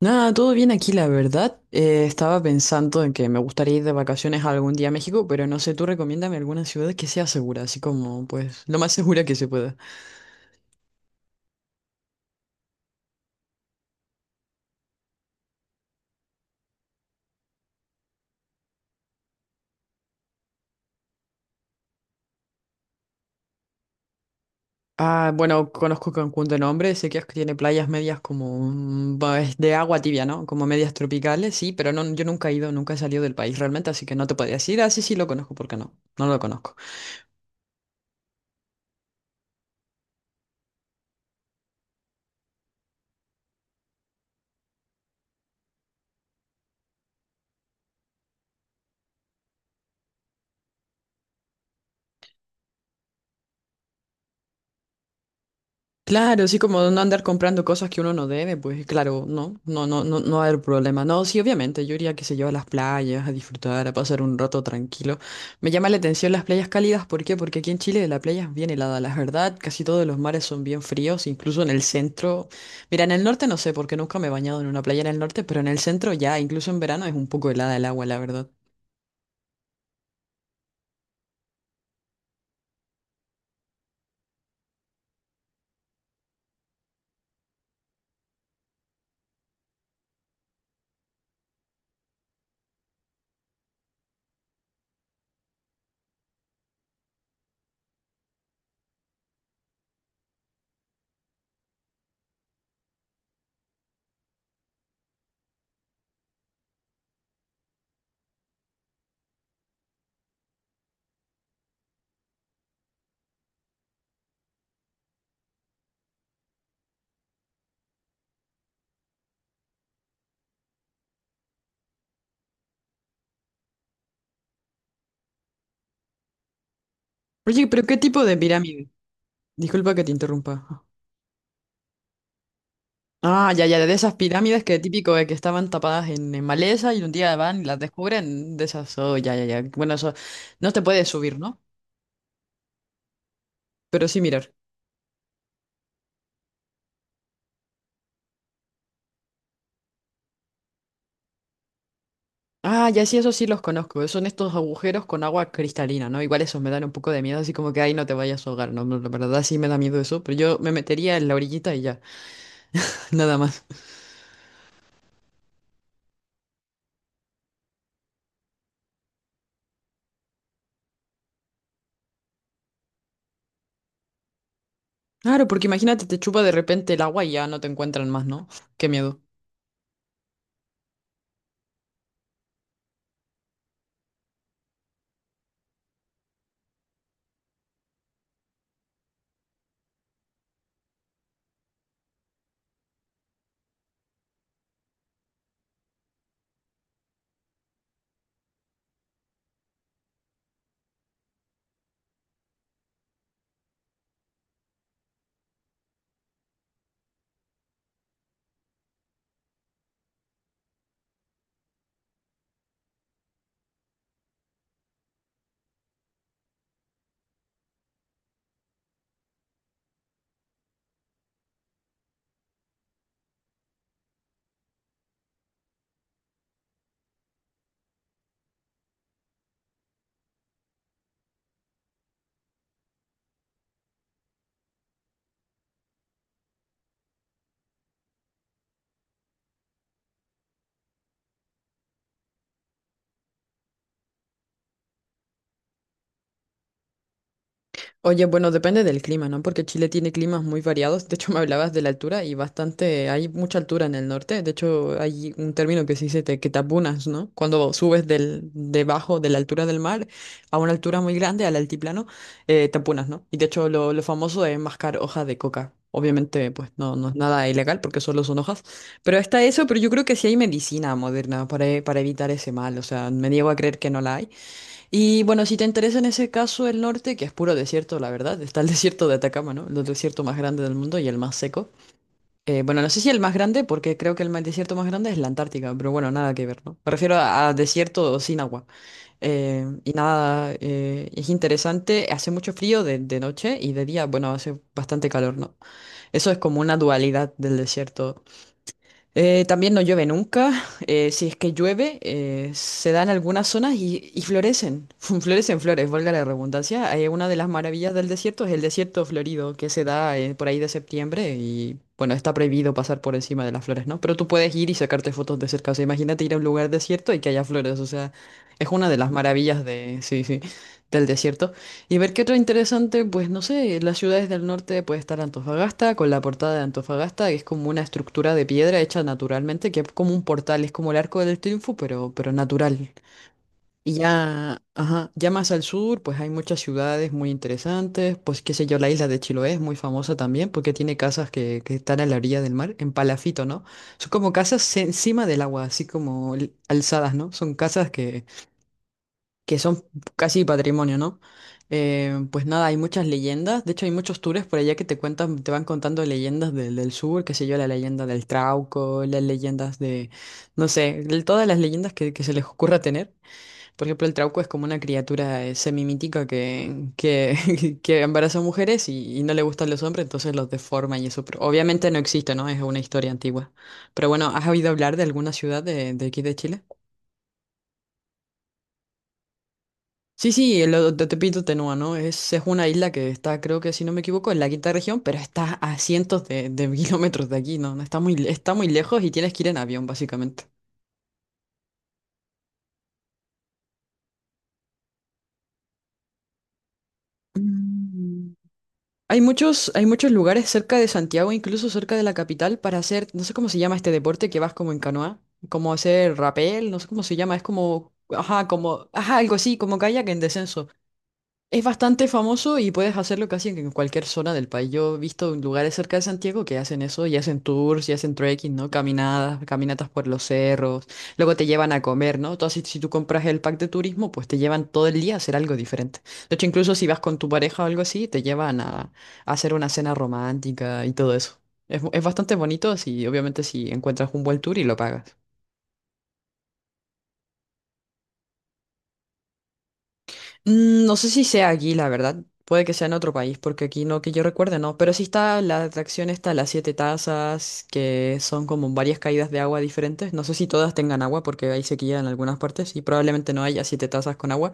Nada, todo bien aquí, la verdad. Estaba pensando en que me gustaría ir de vacaciones algún día a México, pero no sé, tú recomiéndame alguna ciudad que sea segura, así como, pues, lo más segura que se pueda. Ah, bueno, conozco Cancún de nombre, sé que tiene playas medias como, va, es de agua tibia, ¿no? Como medias tropicales, sí, pero no, yo nunca he ido, nunca he salido del país realmente, así que no te podría decir, así sí, sí lo conozco, ¿por qué no? No lo conozco. Claro, sí, como no andar comprando cosas que uno no debe, pues claro, no, no, no, no, no va a haber problema. No, sí, obviamente, yo iría, que se yo, a las playas, a disfrutar, a pasar un rato tranquilo. Me llama la atención las playas cálidas, ¿por qué? Porque aquí en Chile la playa es bien helada, la verdad, casi todos los mares son bien fríos, incluso en el centro. Mira, en el norte no sé, porque nunca me he bañado en una playa en el norte, pero en el centro ya, incluso en verano es un poco helada el agua, la verdad. Oye, pero ¿qué tipo de pirámide? Disculpa que te interrumpa. Ah, ya, ya, de esas pirámides que típico de que estaban tapadas en maleza y un día van y las descubren, de esas, oh, ya, ya, ya. Bueno, eso no te puedes subir, ¿no? Pero sí mirar. Ah, ya, sí, eso sí los conozco. Son estos agujeros con agua cristalina, ¿no? Igual esos me dan un poco de miedo, así como que ahí no te vayas a ahogar, ¿no? La verdad sí me da miedo eso, pero yo me metería en la orillita y ya, nada más. Claro, porque imagínate, te chupa de repente el agua y ya no te encuentran más, ¿no? Qué miedo. Oye, bueno, depende del clima, ¿no? Porque Chile tiene climas muy variados. De hecho, me hablabas de la altura y bastante, hay mucha altura en el norte. De hecho, hay un término que se dice que te apunas, ¿no? Cuando subes debajo de la altura del mar a una altura muy grande, al altiplano, te apunas, ¿no? Y de hecho, lo famoso es mascar hojas de coca. Obviamente, pues no, no es nada ilegal porque solo son hojas. Pero está eso, pero yo creo que sí hay medicina moderna para, para evitar ese mal. O sea, me niego a creer que no la hay. Y bueno, si te interesa en ese caso el norte, que es puro desierto, la verdad, está el desierto de Atacama, ¿no? El desierto más grande del mundo y el más seco. Bueno, no sé si el más grande, porque creo que el desierto más grande es la Antártica, pero bueno, nada que ver, ¿no? Me refiero a desierto sin agua. Y nada, es interesante, hace mucho frío de noche y de día, bueno, hace bastante calor, ¿no? Eso es como una dualidad del desierto. También no llueve nunca. Eh, si es que llueve, se dan algunas zonas y florecen. Florecen flores, valga la redundancia. Hay una de las maravillas del desierto es el desierto florido que se da por ahí de septiembre y bueno, está prohibido pasar por encima de las flores, ¿no? Pero tú puedes ir y sacarte fotos de cerca. O sea, imagínate ir a un lugar desierto y que haya flores. O sea, es una de las maravillas de, sí, sí, del desierto. Y ver qué otro interesante, pues no sé, las ciudades del norte puede estar Antofagasta, con la Portada de Antofagasta, que es como una estructura de piedra hecha naturalmente, que es como un portal, es como el Arco del Triunfo, pero natural. Y ya, ajá, ya más al sur, pues hay muchas ciudades muy interesantes, pues qué sé yo, la isla de Chiloé es muy famosa también, porque tiene casas que están a la orilla del mar, en palafito, ¿no? Son como casas encima del agua, así como alzadas, ¿no? Son casas que son casi patrimonio, ¿no? Pues nada, hay muchas leyendas, de hecho hay muchos tours por allá que te cuentan, te van contando leyendas del, del sur, qué sé yo, la leyenda del Trauco, las leyendas de, no sé, de todas las leyendas que se les ocurra tener. Por ejemplo, el Trauco es como una criatura semimítica que embaraza mujeres y no le gustan los hombres, entonces los deforma y eso, pero obviamente no existe, ¿no? Es una historia antigua. Pero bueno, ¿has oído hablar de alguna ciudad de aquí de Chile? Sí, sí, el de Tepito Tenúa, ¿no? Es una isla que está, creo que si no me equivoco, en la quinta región, pero está a cientos de kilómetros de aquí, ¿no? No, está muy, está muy lejos y tienes que ir en avión, básicamente. Mm. Hay muchos lugares cerca de Santiago, incluso cerca de la capital, para hacer, no sé cómo se llama este deporte que vas como en canoa, como hacer rapel, no sé cómo se llama, es como, ajá, algo así, como kayak en descenso. Es bastante famoso y puedes hacerlo casi en cualquier zona del país. Yo he visto lugares cerca de Santiago que hacen eso y hacen tours y hacen trekking, ¿no? Caminadas, caminatas por los cerros. Luego te llevan a comer, ¿no? Entonces, si tú compras el pack de turismo, pues te llevan todo el día a hacer algo diferente. De hecho, incluso si vas con tu pareja o algo así, te llevan a hacer una cena romántica y todo eso. Es, es bastante bonito si, obviamente, si encuentras un buen tour y lo pagas. Mm, no sé si sea aquí, la verdad. Puede que sea en otro país, porque aquí no que yo recuerde, no. Pero sí está la atracción está las Siete Tazas, que son como varias caídas de agua diferentes. No sé si todas tengan agua, porque hay sequía en algunas partes y probablemente no haya siete tazas con agua.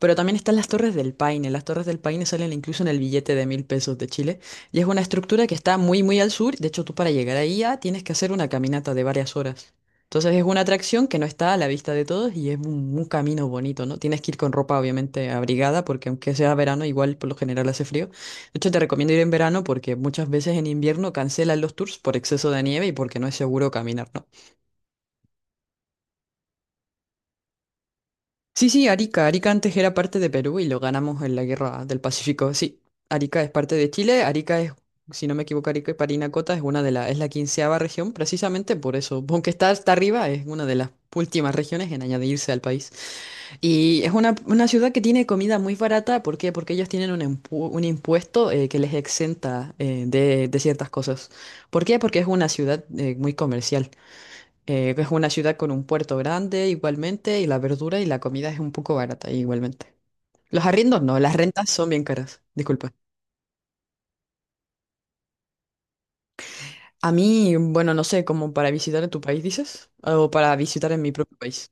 Pero también están las Torres del Paine. Las Torres del Paine salen incluso en el billete de 1.000 pesos de Chile. Y es una estructura que está muy, muy al sur. De hecho, tú para llegar ahí ya tienes que hacer una caminata de varias horas. Entonces es una atracción que no está a la vista de todos y es un camino bonito, ¿no? Tienes que ir con ropa obviamente abrigada porque aunque sea verano, igual por lo general hace frío. De hecho, te recomiendo ir en verano porque muchas veces en invierno cancelan los tours por exceso de nieve y porque no es seguro caminar, ¿no? Sí, sí, Arica. Arica antes era parte de Perú y lo ganamos en la Guerra del Pacífico. Sí, Arica es parte de Chile. Arica es, si no me equivoco, Arica y Parinacota es una de la, es la quinceava región, precisamente por eso. Aunque está hasta arriba, es una de las últimas regiones en añadirse al país. Y es una ciudad que tiene comida muy barata. ¿Por qué? Porque ellos tienen un impuesto que les exenta de ciertas cosas. ¿Por qué? Porque es una ciudad muy comercial. Es una ciudad con un puerto grande igualmente y la verdura y la comida es un poco barata igualmente. Los arriendos no, las rentas son bien caras, disculpa. A mí, bueno, no sé, como para visitar en tu país, dices, o para visitar en mi propio país.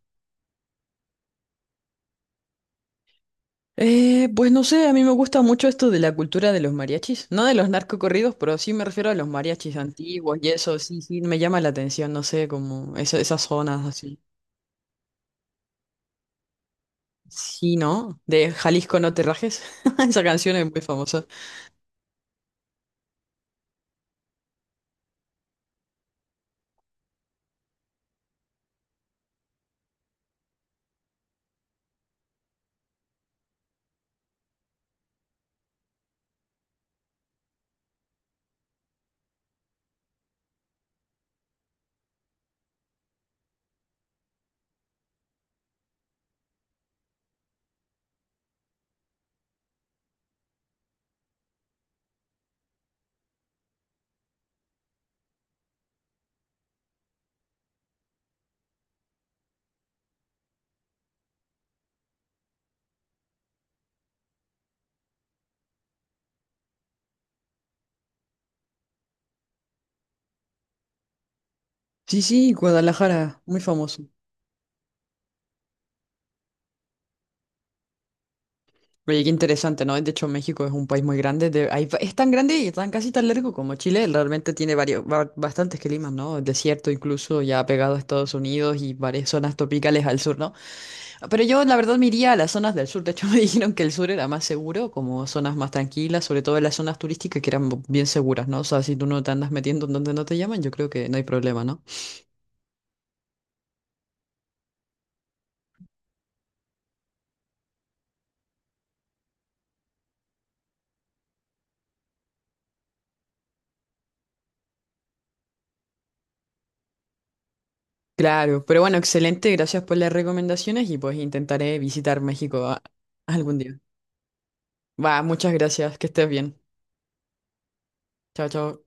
Pues no sé, a mí me gusta mucho esto de la cultura de los mariachis, no de los narcocorridos, pero sí me refiero a los mariachis antiguos y eso, sí, sí, me llama la atención, no sé, como esas zonas así. Sí, ¿no? De Jalisco no te rajes, esa canción es muy famosa. Sí, sí, Guadalajara, muy famoso. Oye, qué interesante, ¿no? De hecho, México es un país muy grande. Es tan grande y tan casi tan largo como Chile. Realmente tiene varios, bastantes climas, ¿no? Desierto incluso, ya pegado a Estados Unidos y varias zonas tropicales al sur, ¿no? Pero yo, la verdad, me iría a las zonas del sur. De hecho, me dijeron que el sur era más seguro, como zonas más tranquilas, sobre todo en las zonas turísticas que eran bien seguras, ¿no? O sea, si tú no te andas metiendo en donde no te llaman, yo creo que no hay problema, ¿no? Claro, pero bueno, excelente, gracias por las recomendaciones y pues intentaré visitar México algún día. Va, muchas gracias, que estés bien. Chao, chao.